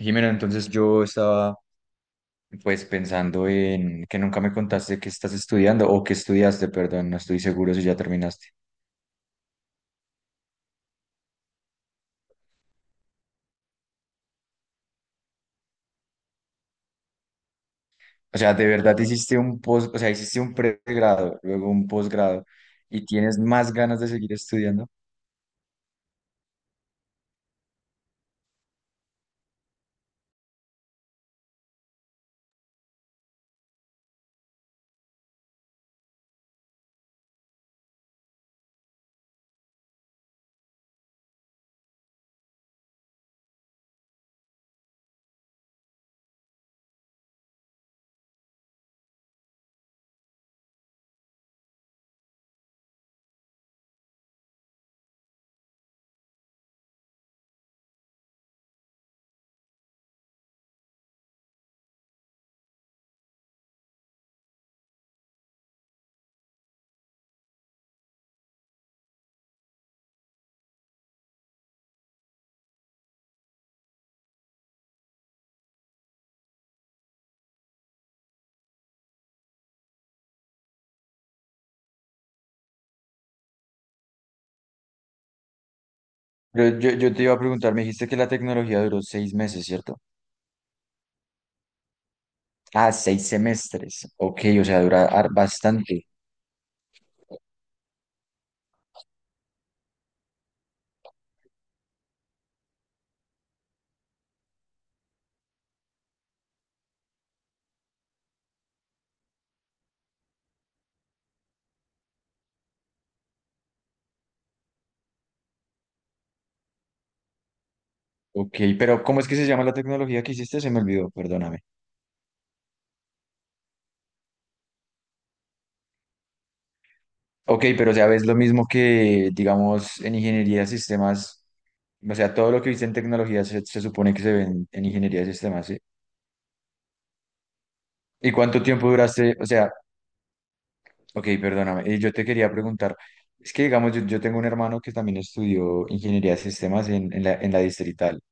Jimena, entonces yo estaba pues pensando en que nunca me contaste que estás estudiando o que estudiaste, perdón, no estoy seguro si ya terminaste. O sea, de verdad hiciste o sea, hiciste un pregrado, luego un posgrado y tienes más ganas de seguir estudiando. Yo te iba a preguntar, me dijiste que la tecnología duró 6 meses, ¿cierto? Ah, 6 semestres. Ok, o sea, dura bastante. Ok, pero ¿cómo es que se llama la tecnología que hiciste? Se me olvidó, perdóname. Ok, pero o sea, ves lo mismo que, digamos, en ingeniería de sistemas, o sea, todo lo que viste en tecnología se supone que se ve en ingeniería de sistemas, ¿sí? ¿Y cuánto tiempo duraste? O sea, ok, perdóname, yo te quería preguntar, es que, digamos, yo tengo un hermano que también estudió ingeniería de sistemas en la Distrital,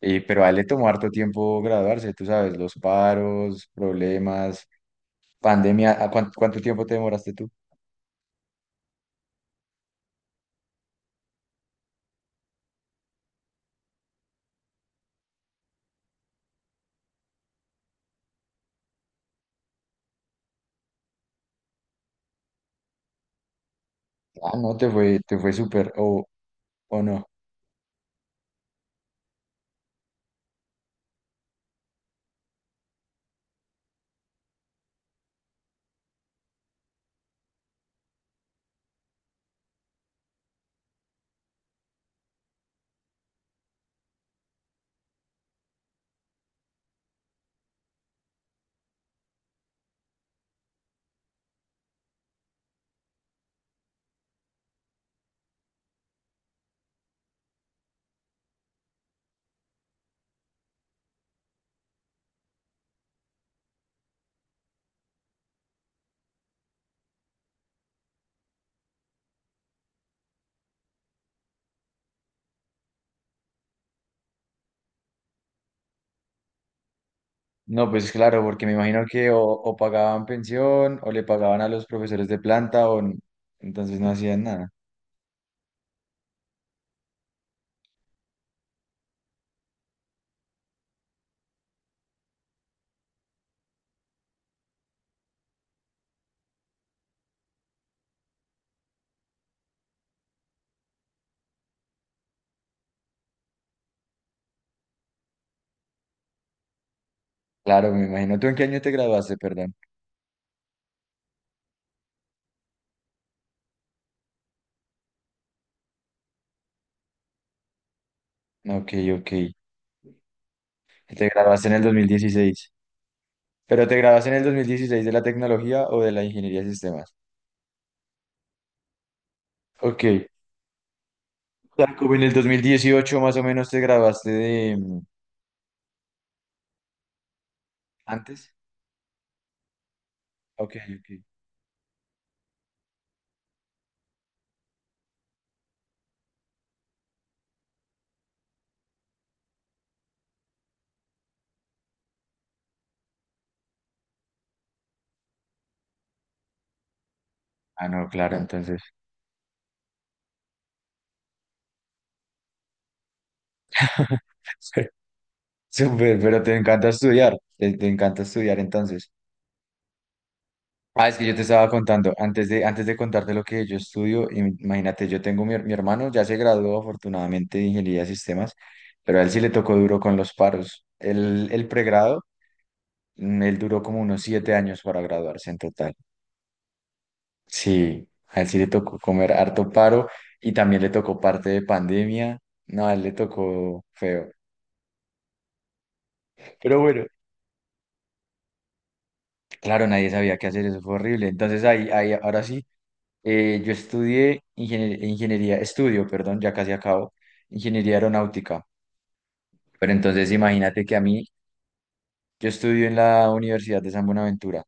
pero a él le tomó harto tiempo graduarse, tú sabes, los paros, problemas, pandemia, ¿cuánto, tiempo te demoraste tú? Ah, no, te fue súper, o no. No, pues claro, porque me imagino que o pagaban pensión o le pagaban a los profesores de planta entonces no hacían nada. Claro, me imagino. ¿Tú en qué año te graduaste, perdón? Ok, ok. Te graduaste en el 2016. ¿Pero te graduaste en el 2016 de la tecnología o de la ingeniería de sistemas? Ok. O sea, como en el 2018 más o menos te graduaste de... ¿Antes? Ok, ok. Ah, no, claro, entonces. Súper, pero te encanta estudiar. Te encanta estudiar entonces. Ah, es que yo te estaba contando, antes de contarte lo que yo estudio, imagínate, yo tengo mi hermano, ya se graduó afortunadamente de ingeniería de sistemas, pero a él sí le tocó duro con los paros. El pregrado, él duró como unos 7 años para graduarse en total. Sí, a él sí le tocó comer harto paro y también le tocó parte de pandemia. No, a él le tocó feo. Pero bueno, claro, nadie sabía qué hacer, eso fue horrible. Entonces ahí ahora sí. Yo estudié ingeniería, estudio, perdón, ya casi acabo, ingeniería aeronáutica. Pero entonces imagínate que a mí, yo estudio en la Universidad de San Buenaventura,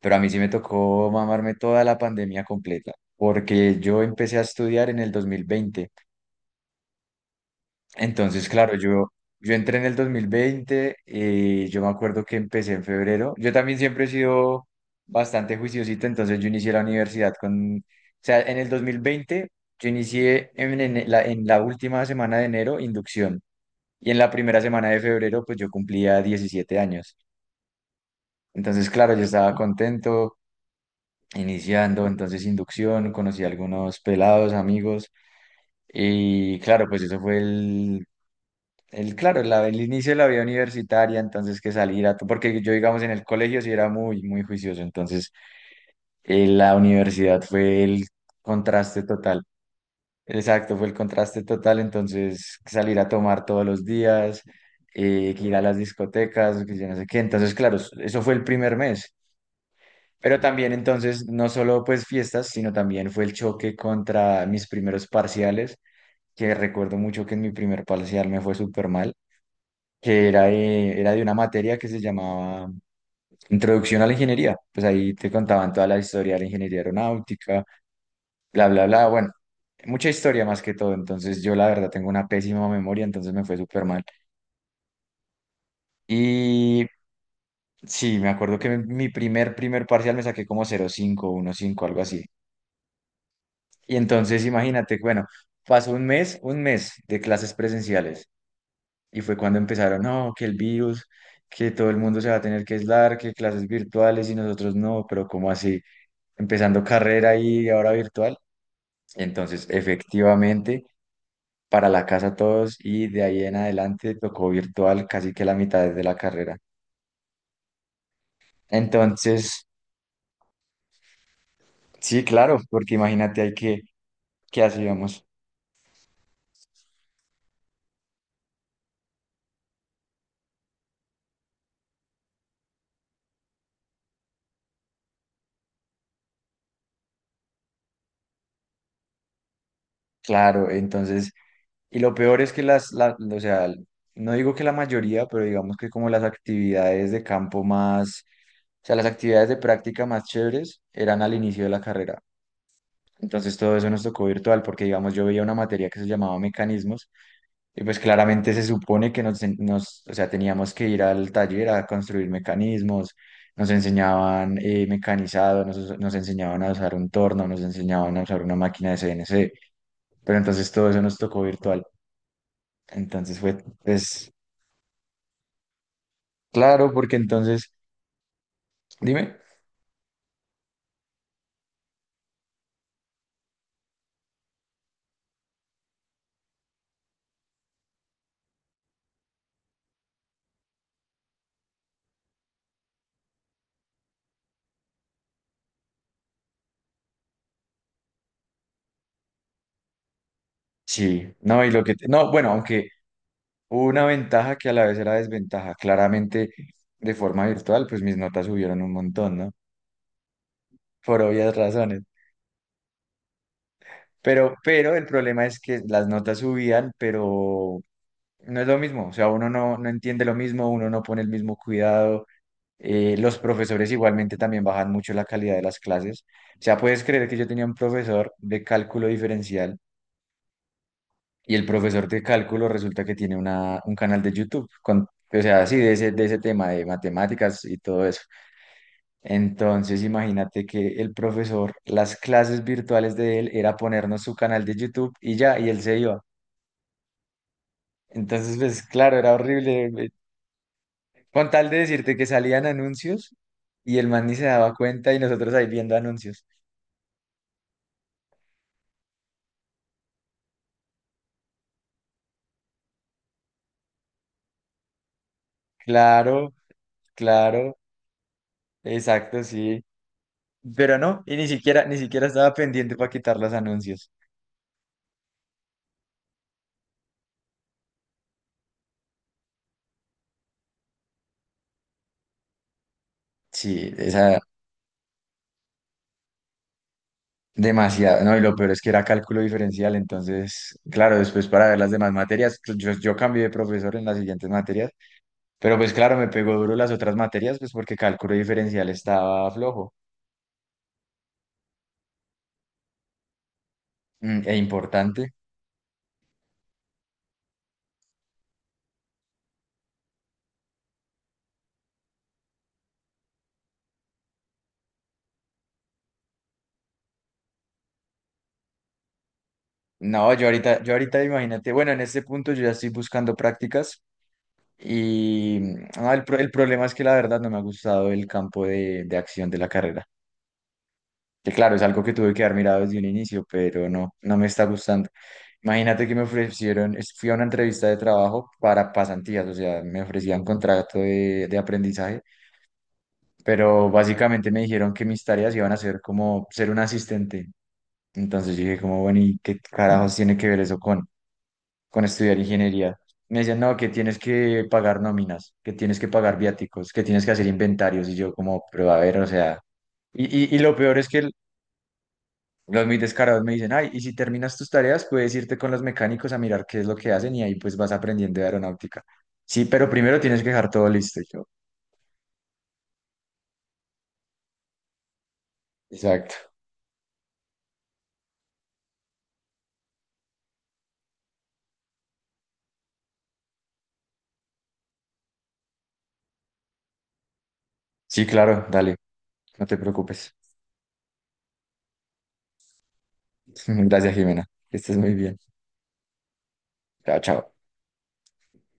pero a mí sí me tocó mamarme toda la pandemia completa, porque yo empecé a estudiar en el 2020. Entonces, claro, yo entré en el 2020 y yo me acuerdo que empecé en febrero. Yo también siempre he sido bastante juiciosito, entonces yo inicié la universidad o sea, en el 2020 yo inicié en la última semana de enero inducción y en la primera semana de febrero pues yo cumplía 17 años. Entonces, claro, yo estaba contento iniciando, entonces inducción, conocí a algunos pelados, amigos y claro, pues eso fue el inicio de la vida universitaria, entonces que salir a... Porque yo, digamos, en el colegio sí era muy, muy juicioso, entonces la universidad fue el contraste total. Exacto, fue el contraste total, entonces salir a tomar todos los días, que ir a las discotecas, que yo no sé qué. Entonces, claro, eso fue el primer mes. Pero también entonces, no solo pues fiestas, sino también fue el choque contra mis primeros parciales, que recuerdo mucho que en mi primer parcial me fue súper mal, que era de, una materia que se llamaba Introducción a la Ingeniería. Pues ahí te contaban toda la historia de la ingeniería aeronáutica, bla, bla, bla. Bueno, mucha historia más que todo. Entonces yo la verdad tengo una pésima memoria, entonces me fue súper mal. Y sí, me acuerdo que mi primer parcial me saqué como 0.5, cinco algo así. Y entonces imagínate, bueno, pasó un mes de clases presenciales. Y fue cuando empezaron, no, que el virus, que todo el mundo se va a tener que aislar, que clases virtuales y nosotros no, pero ¿cómo así? Empezando carrera y ahora virtual. Entonces, efectivamente, para la casa todos y de ahí en adelante tocó virtual casi que la mitad de la carrera. Entonces, sí, claro, porque imagínate ahí que, ¿qué hacíamos? Claro, entonces, y lo peor es que o sea, no digo que la mayoría, pero digamos que como las actividades de campo más. O sea, las actividades de práctica más chéveres eran al inicio de la carrera. Entonces todo eso nos tocó virtual porque, digamos, yo veía una materia que se llamaba mecanismos y pues claramente se supone que nos o sea, teníamos que ir al taller a construir mecanismos, nos enseñaban mecanizado, nos enseñaban a usar un torno, nos enseñaban a usar una máquina de CNC, pero entonces todo eso nos tocó virtual. Entonces fue, pues, claro, porque entonces, dime, sí, no, y lo que, no, bueno, aunque... una ventaja que a la vez era desventaja. Claramente, de forma virtual, pues mis notas subieron un montón, ¿no? Por obvias razones. Pero, el problema es que las notas subían, pero no es lo mismo. O sea, uno no entiende lo mismo, uno no pone el mismo cuidado. Los profesores igualmente también bajan mucho la calidad de las clases. O sea, puedes creer que yo tenía un profesor de cálculo diferencial y el profesor de cálculo resulta que tiene un canal de YouTube con, o sea, así de ese, tema de matemáticas y todo eso. Entonces, imagínate que el profesor, las clases virtuales de él era ponernos su canal de YouTube y ya, y él se iba. Entonces, pues claro, era horrible. Con tal de decirte que salían anuncios y el man ni se daba cuenta y nosotros ahí viendo anuncios. Claro, claro, exacto, sí. Pero no, y ni siquiera, ni siquiera estaba pendiente para quitar los anuncios. Sí, esa, demasiado, no, y lo peor es que era cálculo diferencial, entonces, claro, después para ver las demás materias, pues, yo cambié de profesor en las siguientes materias, pero pues claro, me pegó duro las otras materias, pues porque cálculo diferencial estaba flojo e importante. No, yo ahorita imagínate, bueno, en este punto yo ya estoy buscando prácticas y no, el problema es que la verdad no me ha gustado el campo de acción de la carrera, que claro, es algo que tuve que haber mirado desde un inicio, pero no, no me está gustando. Imagínate que me ofrecieron, fui a una entrevista de trabajo para pasantías, o sea, me ofrecían contrato de aprendizaje, pero básicamente me dijeron que mis tareas iban a ser como ser un asistente. Entonces yo dije como, bueno, ¿y qué carajos tiene que ver eso con estudiar ingeniería? Me decían, no, que tienes que pagar nóminas, que tienes que pagar viáticos, que tienes que hacer inventarios. Y yo como, pero a ver, o sea, y, y lo peor es que los muy descarados me dicen, ay, y si terminas tus tareas, puedes irte con los mecánicos a mirar qué es lo que hacen y ahí pues vas aprendiendo de aeronáutica. Sí, pero primero tienes que dejar todo listo. Y yo, exacto. Sí, claro, dale, no te preocupes. Gracias, Jimena. Que estés muy bien. Chao, chao.